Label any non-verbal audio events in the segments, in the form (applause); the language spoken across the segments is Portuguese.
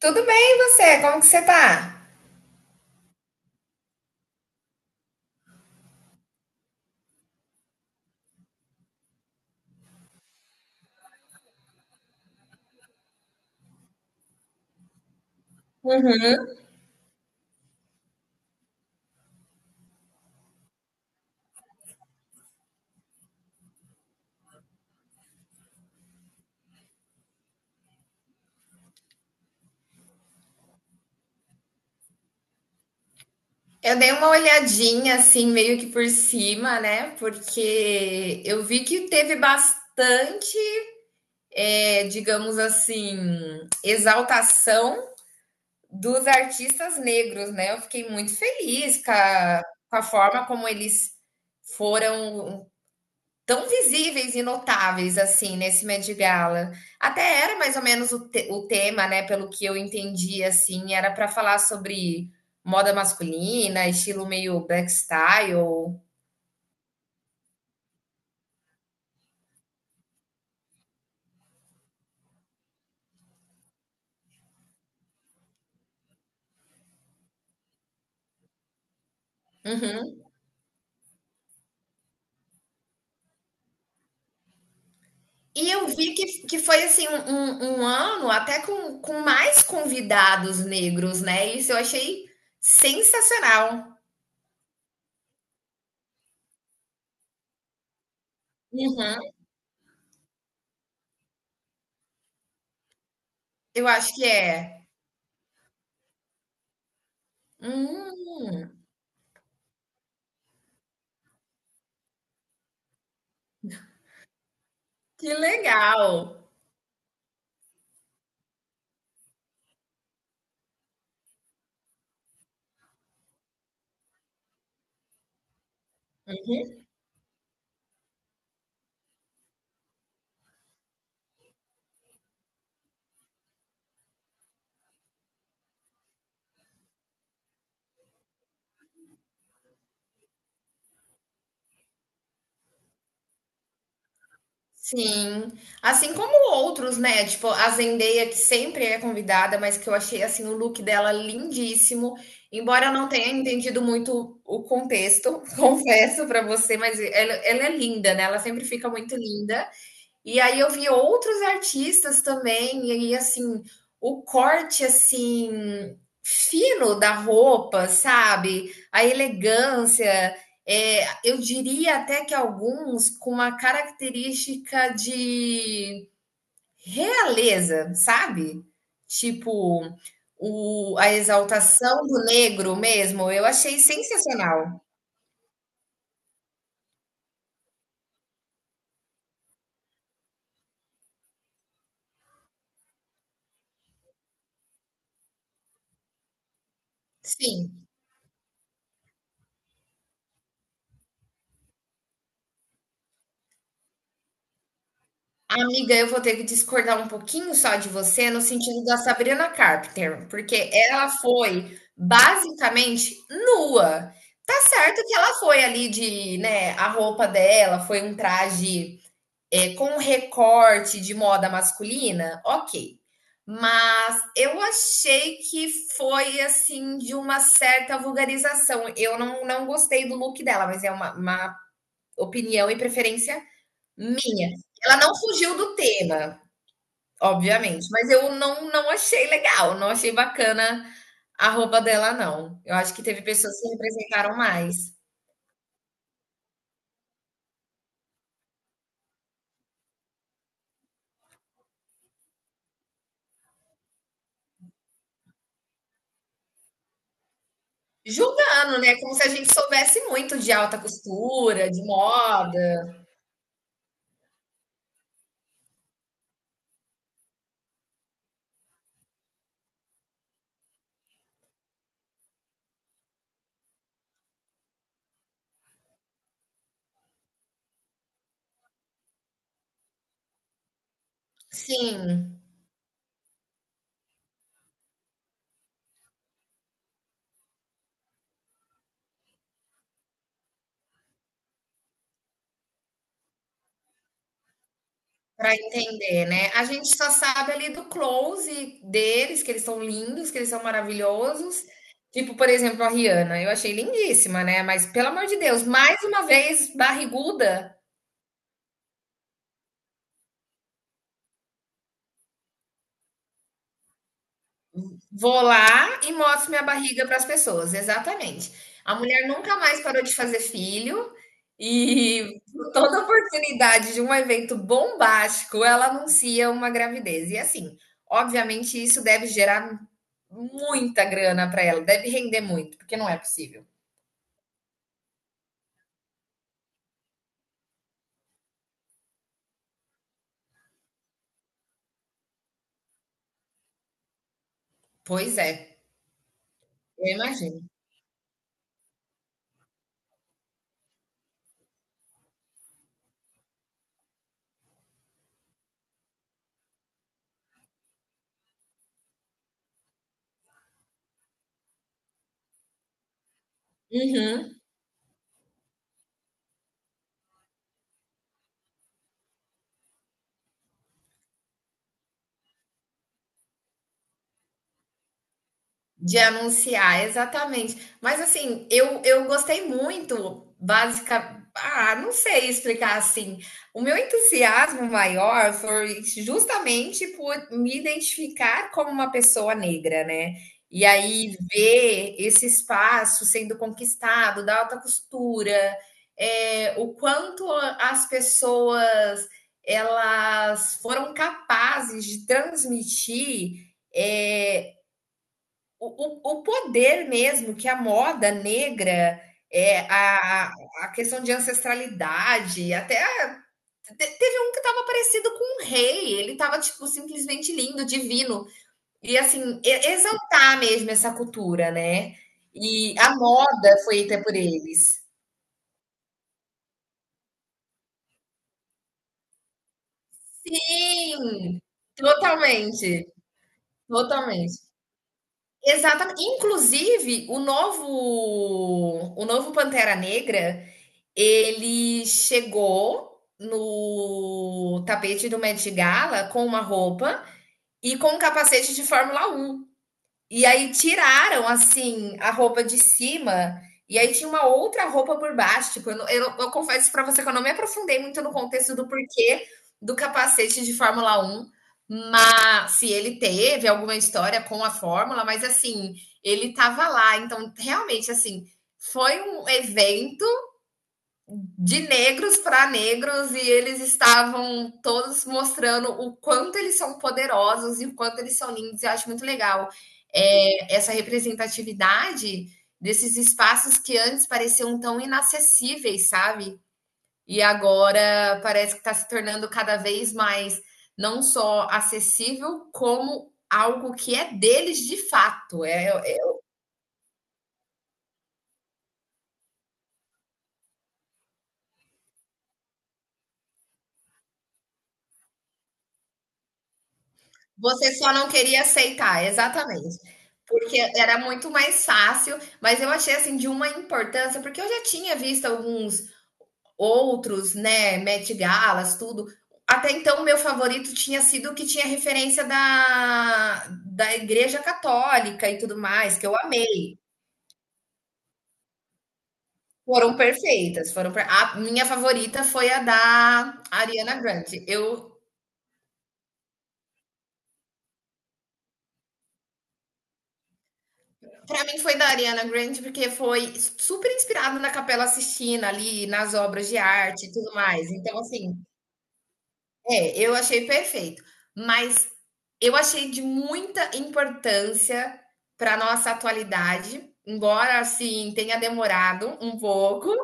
Tudo bem, e você? Como que você tá? Uhum. Eu dei uma olhadinha assim, meio que por cima, né? Porque eu vi que teve bastante, digamos assim, exaltação dos artistas negros, né? Eu fiquei muito feliz com com a forma como eles foram tão visíveis e notáveis assim nesse Met Gala. Até era mais ou menos o tema, né? Pelo que eu entendi, assim, era para falar sobre moda masculina, estilo meio black style. Uhum. E eu vi que foi assim um ano até com mais convidados negros, né? Isso eu achei sensacional. Uhum. Eu acho que é. Hum, que legal. Sim, assim como outros, né? Tipo, a Zendaya, que sempre é convidada, mas que eu achei assim o look dela lindíssimo, embora eu não tenha entendido muito o contexto, (laughs) confesso pra você, mas ela é linda, né? Ela sempre fica muito linda. E aí eu vi outros artistas também, e aí, assim, o corte, assim, fino da roupa, sabe? A elegância, é, eu diria até que alguns com uma característica de realeza, sabe? Tipo, a exaltação do negro mesmo, eu achei sensacional. Sim. Amiga, eu vou ter que discordar um pouquinho só de você no sentido da Sabrina Carpenter, porque ela foi basicamente nua. Tá certo que ela foi ali de, né, a roupa dela foi um traje é, com um recorte de moda masculina, ok. Mas eu achei que foi assim de uma certa vulgarização. Eu não gostei do look dela, mas é uma opinião e preferência minha. Ela não fugiu do tema. Obviamente, mas eu não achei legal, não achei bacana a roupa dela não. Eu acho que teve pessoas que representaram mais. Julgando, né, como se a gente soubesse muito de alta costura, de moda. Sim, para entender, né. A gente só sabe ali do close deles, que eles são lindos, que eles são maravilhosos. Tipo, por exemplo, a Rihanna, eu achei lindíssima, né, mas pelo amor de Deus, mais uma vez barriguda. Vou lá e mostro minha barriga para as pessoas, exatamente. A mulher nunca mais parou de fazer filho e toda oportunidade de um evento bombástico, ela anuncia uma gravidez. E assim, obviamente isso deve gerar muita grana para ela, deve render muito, porque não é possível. Pois é, eu imagino. Uhum. De anunciar, exatamente. Mas assim, eu gostei muito, básica. Ah, não sei explicar assim. O meu entusiasmo maior foi justamente por me identificar como uma pessoa negra, né? E aí ver esse espaço sendo conquistado da alta costura, é, o quanto as pessoas elas foram capazes de transmitir. É, poder mesmo que a moda negra, é, a, a questão de ancestralidade, até teve um que estava parecido com um rei, ele estava tipo, simplesmente lindo, divino. E assim, exaltar mesmo essa cultura, né? E a moda foi feita por eles. Sim, totalmente, totalmente. Exatamente. Inclusive, o novo Pantera Negra. Ele chegou no tapete do Met Gala com uma roupa e com um capacete de Fórmula Um. E aí tiraram, assim, a roupa de cima e aí tinha uma outra roupa por baixo. Tipo, eu confesso para você que eu não me aprofundei muito no contexto do porquê do capacete de Fórmula Um, mas se ele teve alguma história com a Fórmula, mas assim, ele tava lá. Então, realmente, assim, foi um evento de negros para negros e eles estavam todos mostrando o quanto eles são poderosos e o quanto eles são lindos. Eu acho muito legal é, essa representatividade desses espaços que antes pareciam tão inacessíveis, sabe? E agora parece que está se tornando cada vez mais não só acessível, como algo que é deles de fato. É, você só não queria aceitar, exatamente. Porque era muito mais fácil, mas eu achei assim de uma importância, porque eu já tinha visto alguns outros, né, Met Galas, tudo. Até então, o meu favorito tinha sido o que tinha referência da Igreja Católica e tudo mais, que eu amei. Foram perfeitas, a minha favorita foi a da Ariana Grande. Eu pra mim foi da Ariana Grande, porque foi super inspirado na Capela Sistina, ali, nas obras de arte e tudo mais. Então, assim, é, eu achei perfeito, mas eu achei de muita importância para nossa atualidade, embora assim tenha demorado um pouco,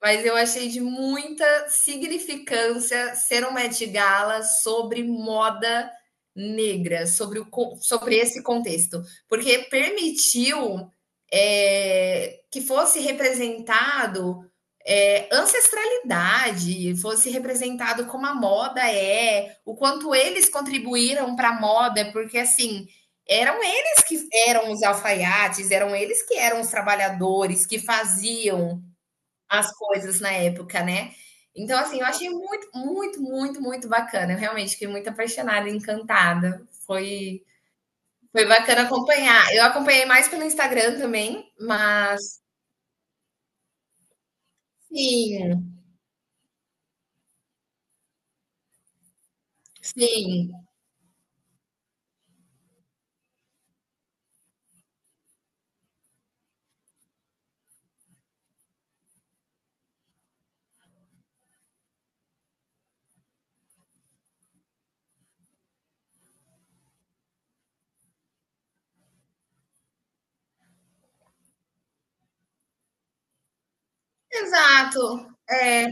mas eu achei de muita significância ser uma Met Gala sobre moda negra, sobre, sobre esse contexto, porque permitiu que fosse representado é, ancestralidade fosse representado como a moda é, o quanto eles contribuíram para a moda, porque assim eram eles que eram os alfaiates, eram eles que eram os trabalhadores que faziam as coisas na época, né? Então, assim, eu achei muito bacana. Eu realmente fiquei muito apaixonada, encantada. Foi, foi bacana acompanhar. Eu acompanhei mais pelo Instagram também, mas sim, sim, exato. É,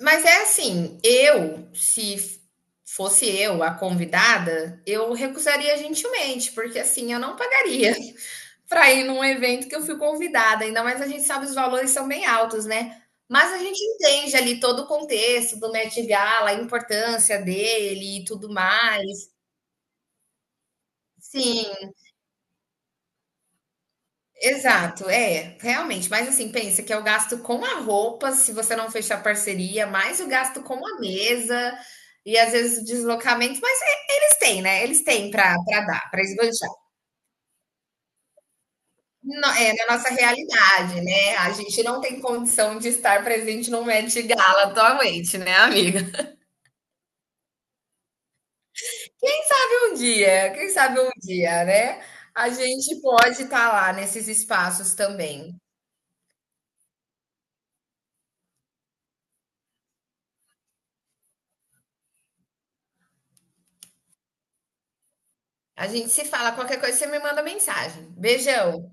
mas é assim, eu, se fosse eu a convidada, eu recusaria gentilmente, porque assim, eu não pagaria (laughs) para ir num evento que eu fui convidada, ainda mais a gente sabe os valores são bem altos, né? Mas a gente entende ali todo o contexto do Met Gala, a importância dele e tudo mais. Sim, exato, é, realmente. Mas assim, pensa que é o gasto com a roupa, se você não fechar parceria, mais o gasto com a mesa e às vezes o deslocamento, mas eles têm, né? Eles têm para dar, para esbanjar. É na nossa realidade, né? A gente não tem condição de estar presente num Met Gala atualmente, né, amiga? Quem sabe um dia, quem sabe um dia, né? A gente pode estar lá nesses espaços também. A gente se fala, qualquer coisa você me manda mensagem. Beijão.